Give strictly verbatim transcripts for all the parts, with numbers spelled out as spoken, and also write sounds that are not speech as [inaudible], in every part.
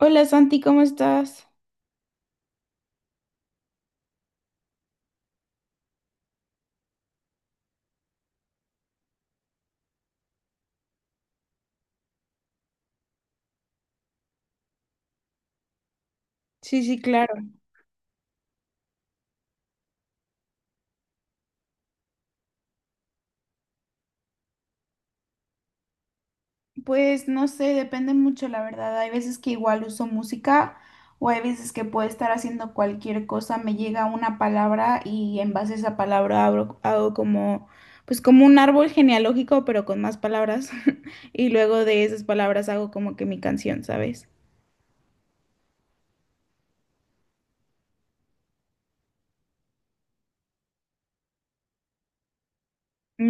Hola Santi, ¿cómo estás? Sí, sí, claro. Pues no sé, depende mucho, la verdad. Hay veces que igual uso música o hay veces que puedo estar haciendo cualquier cosa, me llega una palabra y en base a esa palabra abro- hago como, pues como un árbol genealógico, pero con más palabras. [laughs] Y luego de esas palabras hago como que mi canción, ¿sabes?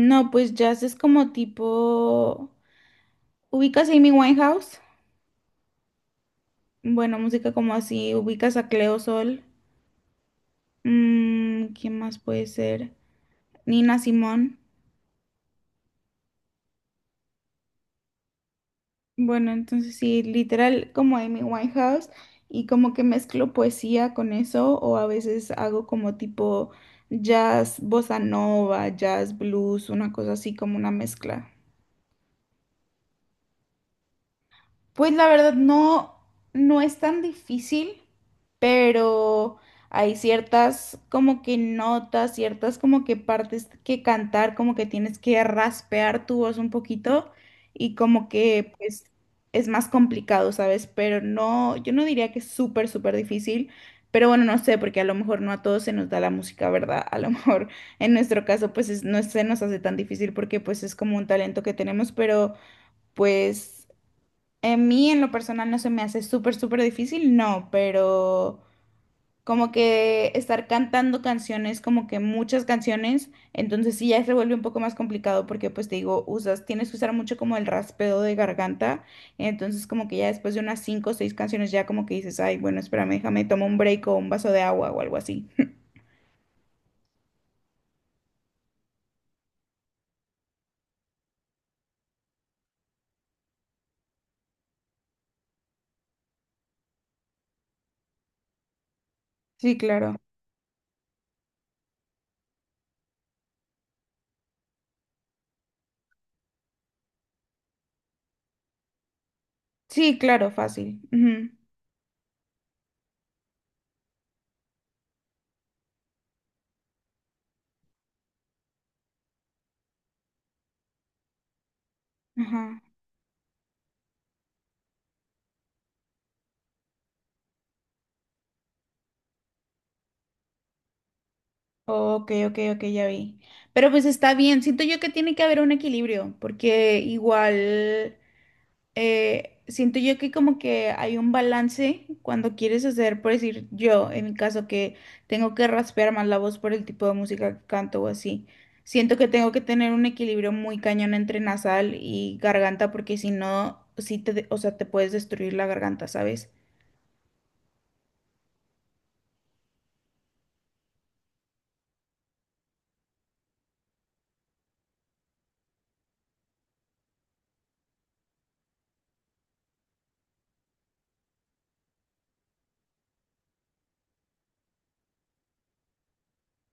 No, pues jazz es como tipo, ¿ubicas a Amy Winehouse? Bueno, música como así, ¿ubicas a Cleo Sol? Mm, ¿quién más puede ser? Nina Simón. Bueno, entonces sí, literal como Amy Winehouse y como que mezclo poesía con eso o a veces hago como tipo jazz, bossa nova, jazz, blues, una cosa así como una mezcla. Pues la verdad no, no es tan difícil, pero hay ciertas como que notas, ciertas como que partes que cantar, como que tienes que raspear tu voz un poquito y como que pues es más complicado, ¿sabes? Pero no, yo no diría que es súper, súper difícil, pero bueno, no sé, porque a lo mejor no a todos se nos da la música, ¿verdad? A lo [laughs] mejor en nuestro caso pues es- no se nos hace tan difícil porque pues es como un talento que tenemos, pero pues en mí en lo personal no se me hace súper, súper difícil, no, pero como que estar cantando canciones, como que muchas canciones, entonces sí ya se vuelve un poco más complicado porque pues te digo, usas, tienes que usar mucho como el raspeo de garganta, entonces como que ya después de unas cinco o seis canciones ya como que dices, ay, bueno, espérame, déjame, tomo un break o un vaso de agua o algo así. [laughs] Sí, claro. Sí, claro, fácil. Ujú. Ajá. Ok, ok, ok, ya vi. Pero pues está bien, siento yo que tiene que haber un equilibrio, porque igual eh, siento yo que como que hay un balance cuando quieres hacer, por decir yo, en mi caso que tengo que raspear más la voz por el tipo de música que canto o así. Siento que tengo que tener un equilibrio muy cañón entre nasal y garganta, porque si no, sí te, de- o sea, te puedes destruir la garganta, ¿sabes?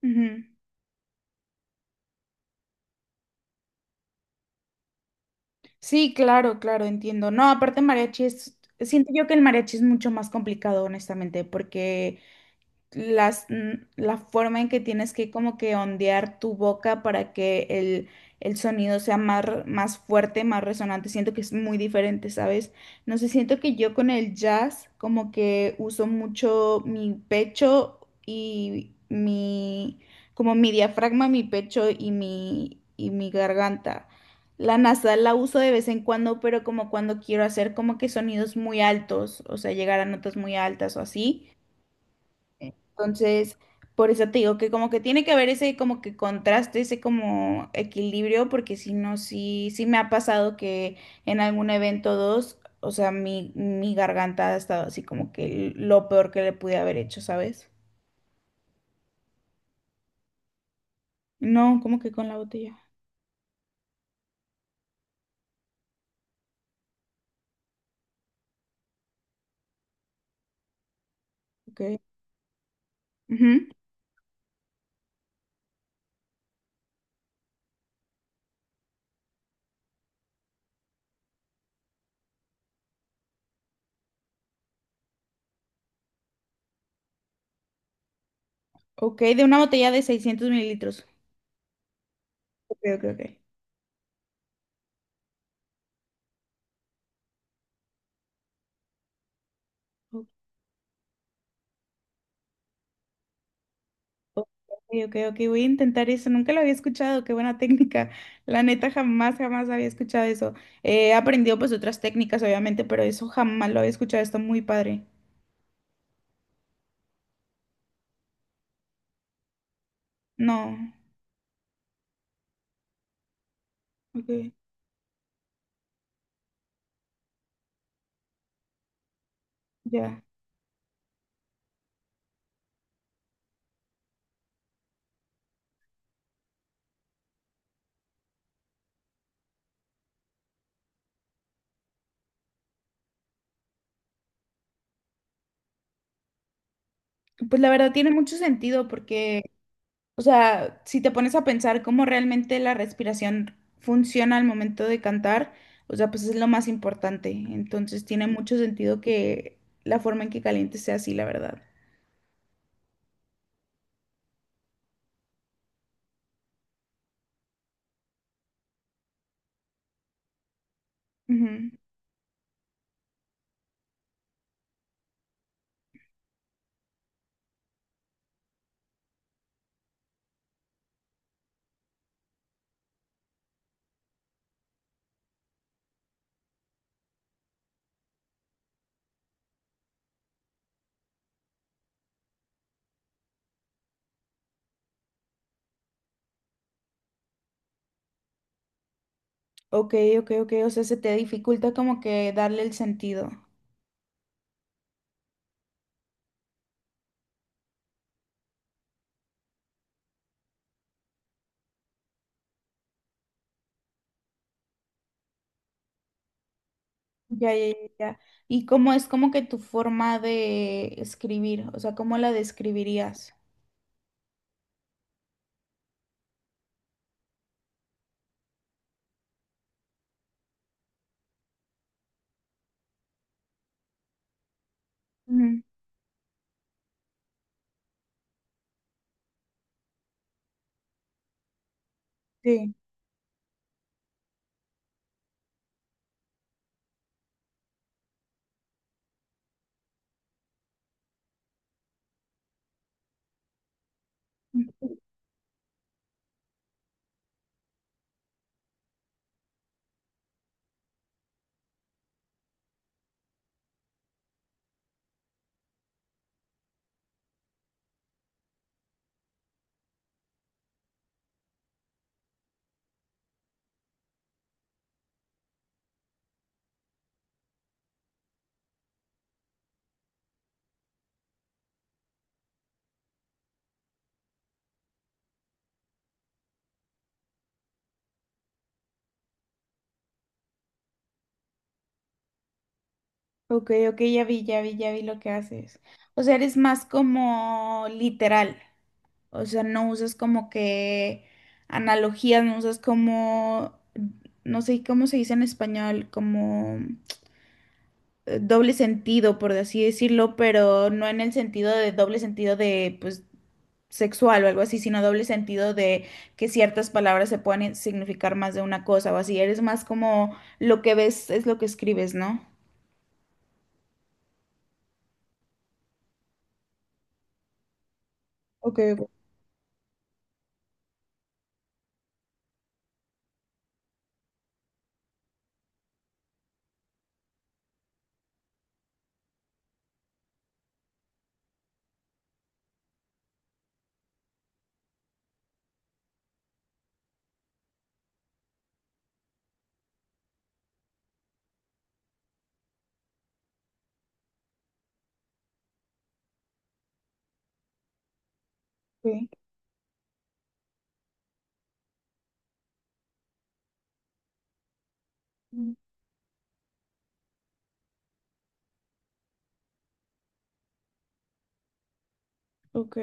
Ujú. Sí, claro, claro, entiendo. No, aparte mariachi es, siento yo que el mariachi es mucho más complicado, honestamente, porque las, n- la forma en que tienes que como que ondear tu boca para que el, el sonido sea más, r- más fuerte, más resonante. Siento que es muy diferente, ¿sabes? No sé, siento que yo con el jazz como que uso mucho mi pecho y mi, como mi diafragma, mi pecho y mi, y mi garganta. La nasal la uso de vez en cuando, pero como cuando quiero hacer como que sonidos muy altos, o sea, llegar a notas muy altas o así. Entonces, por eso te digo que como que tiene que haber ese como que contraste, ese como equilibrio, porque si no, sí, sí me ha pasado que en algún evento dos, o sea, mi, mi garganta ha estado así como que lo peor que le pude haber hecho, ¿sabes? No, como que con la botella. Ok. Ujú. Ok, de una botella de seiscientos mililitros. Ok, ok, ok. Ok, ok, ok, voy a intentar eso. Nunca lo había escuchado, qué buena técnica. La neta, jamás, jamás había escuchado eso. Eh, He aprendido pues otras técnicas, obviamente, pero eso jamás lo había escuchado. Está muy padre. No, ok, ya. Pues la verdad tiene mucho sentido porque, o sea, si te pones a pensar cómo realmente la respiración funciona al momento de cantar, o sea, pues es lo más importante. Entonces tiene mucho sentido que la forma en que calientes sea así, la verdad. Ok, ok, ok. O sea, se te dificulta como que darle el sentido. Ya, ya, ya. ya. ¿Y cómo es como que tu forma de escribir? O sea, ¿cómo la describirías? Ujú. Sí. Ujú. Ok, ok, ya vi, ya vi, ya vi lo que haces. O sea, eres más como literal. O sea, no usas como que analogías, no usas como, no sé cómo se dice en español, como... eh, doble sentido, por así decirlo, pero no en el sentido de doble sentido de, pues, sexual o algo así, sino doble sentido de que ciertas palabras se pueden significar más de una cosa o así. Eres más como lo que ves es lo que escribes, ¿no? Ok, ok. Mm, ok.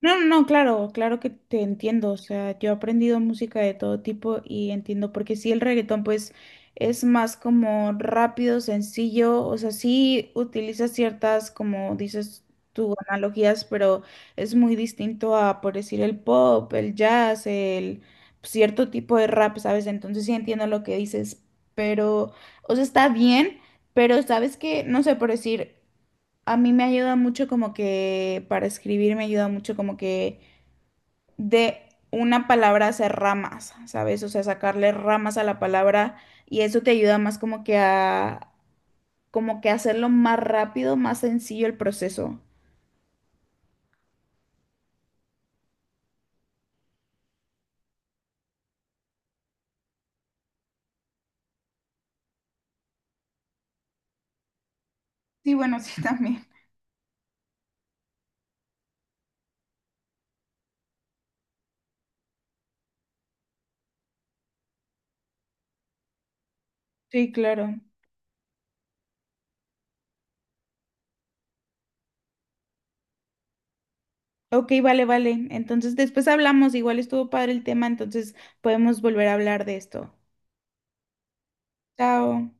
No, no, no, claro, claro que te entiendo. O sea, yo he aprendido música de todo tipo y entiendo porque sí, el reggaetón pues es más como rápido, sencillo, o sea, sí utiliza ciertas, como dices tú, analogías, pero es muy distinto a, por decir, el pop, el jazz, el cierto tipo de rap, ¿sabes? Entonces sí entiendo lo que dices, pero, o sea, está bien, pero sabes que, no sé, por decir... A mí me ayuda mucho como que para escribir me ayuda mucho como que de una palabra hacer ramas, ¿sabes? O sea, sacarle ramas a la palabra y eso te ayuda más como que a como que hacerlo más rápido, más sencillo el proceso. Sí, bueno, sí, [laughs] también. Sí, claro. Ok, vale, vale. Entonces después hablamos, igual estuvo padre el tema, entonces podemos volver a hablar de esto. Chao.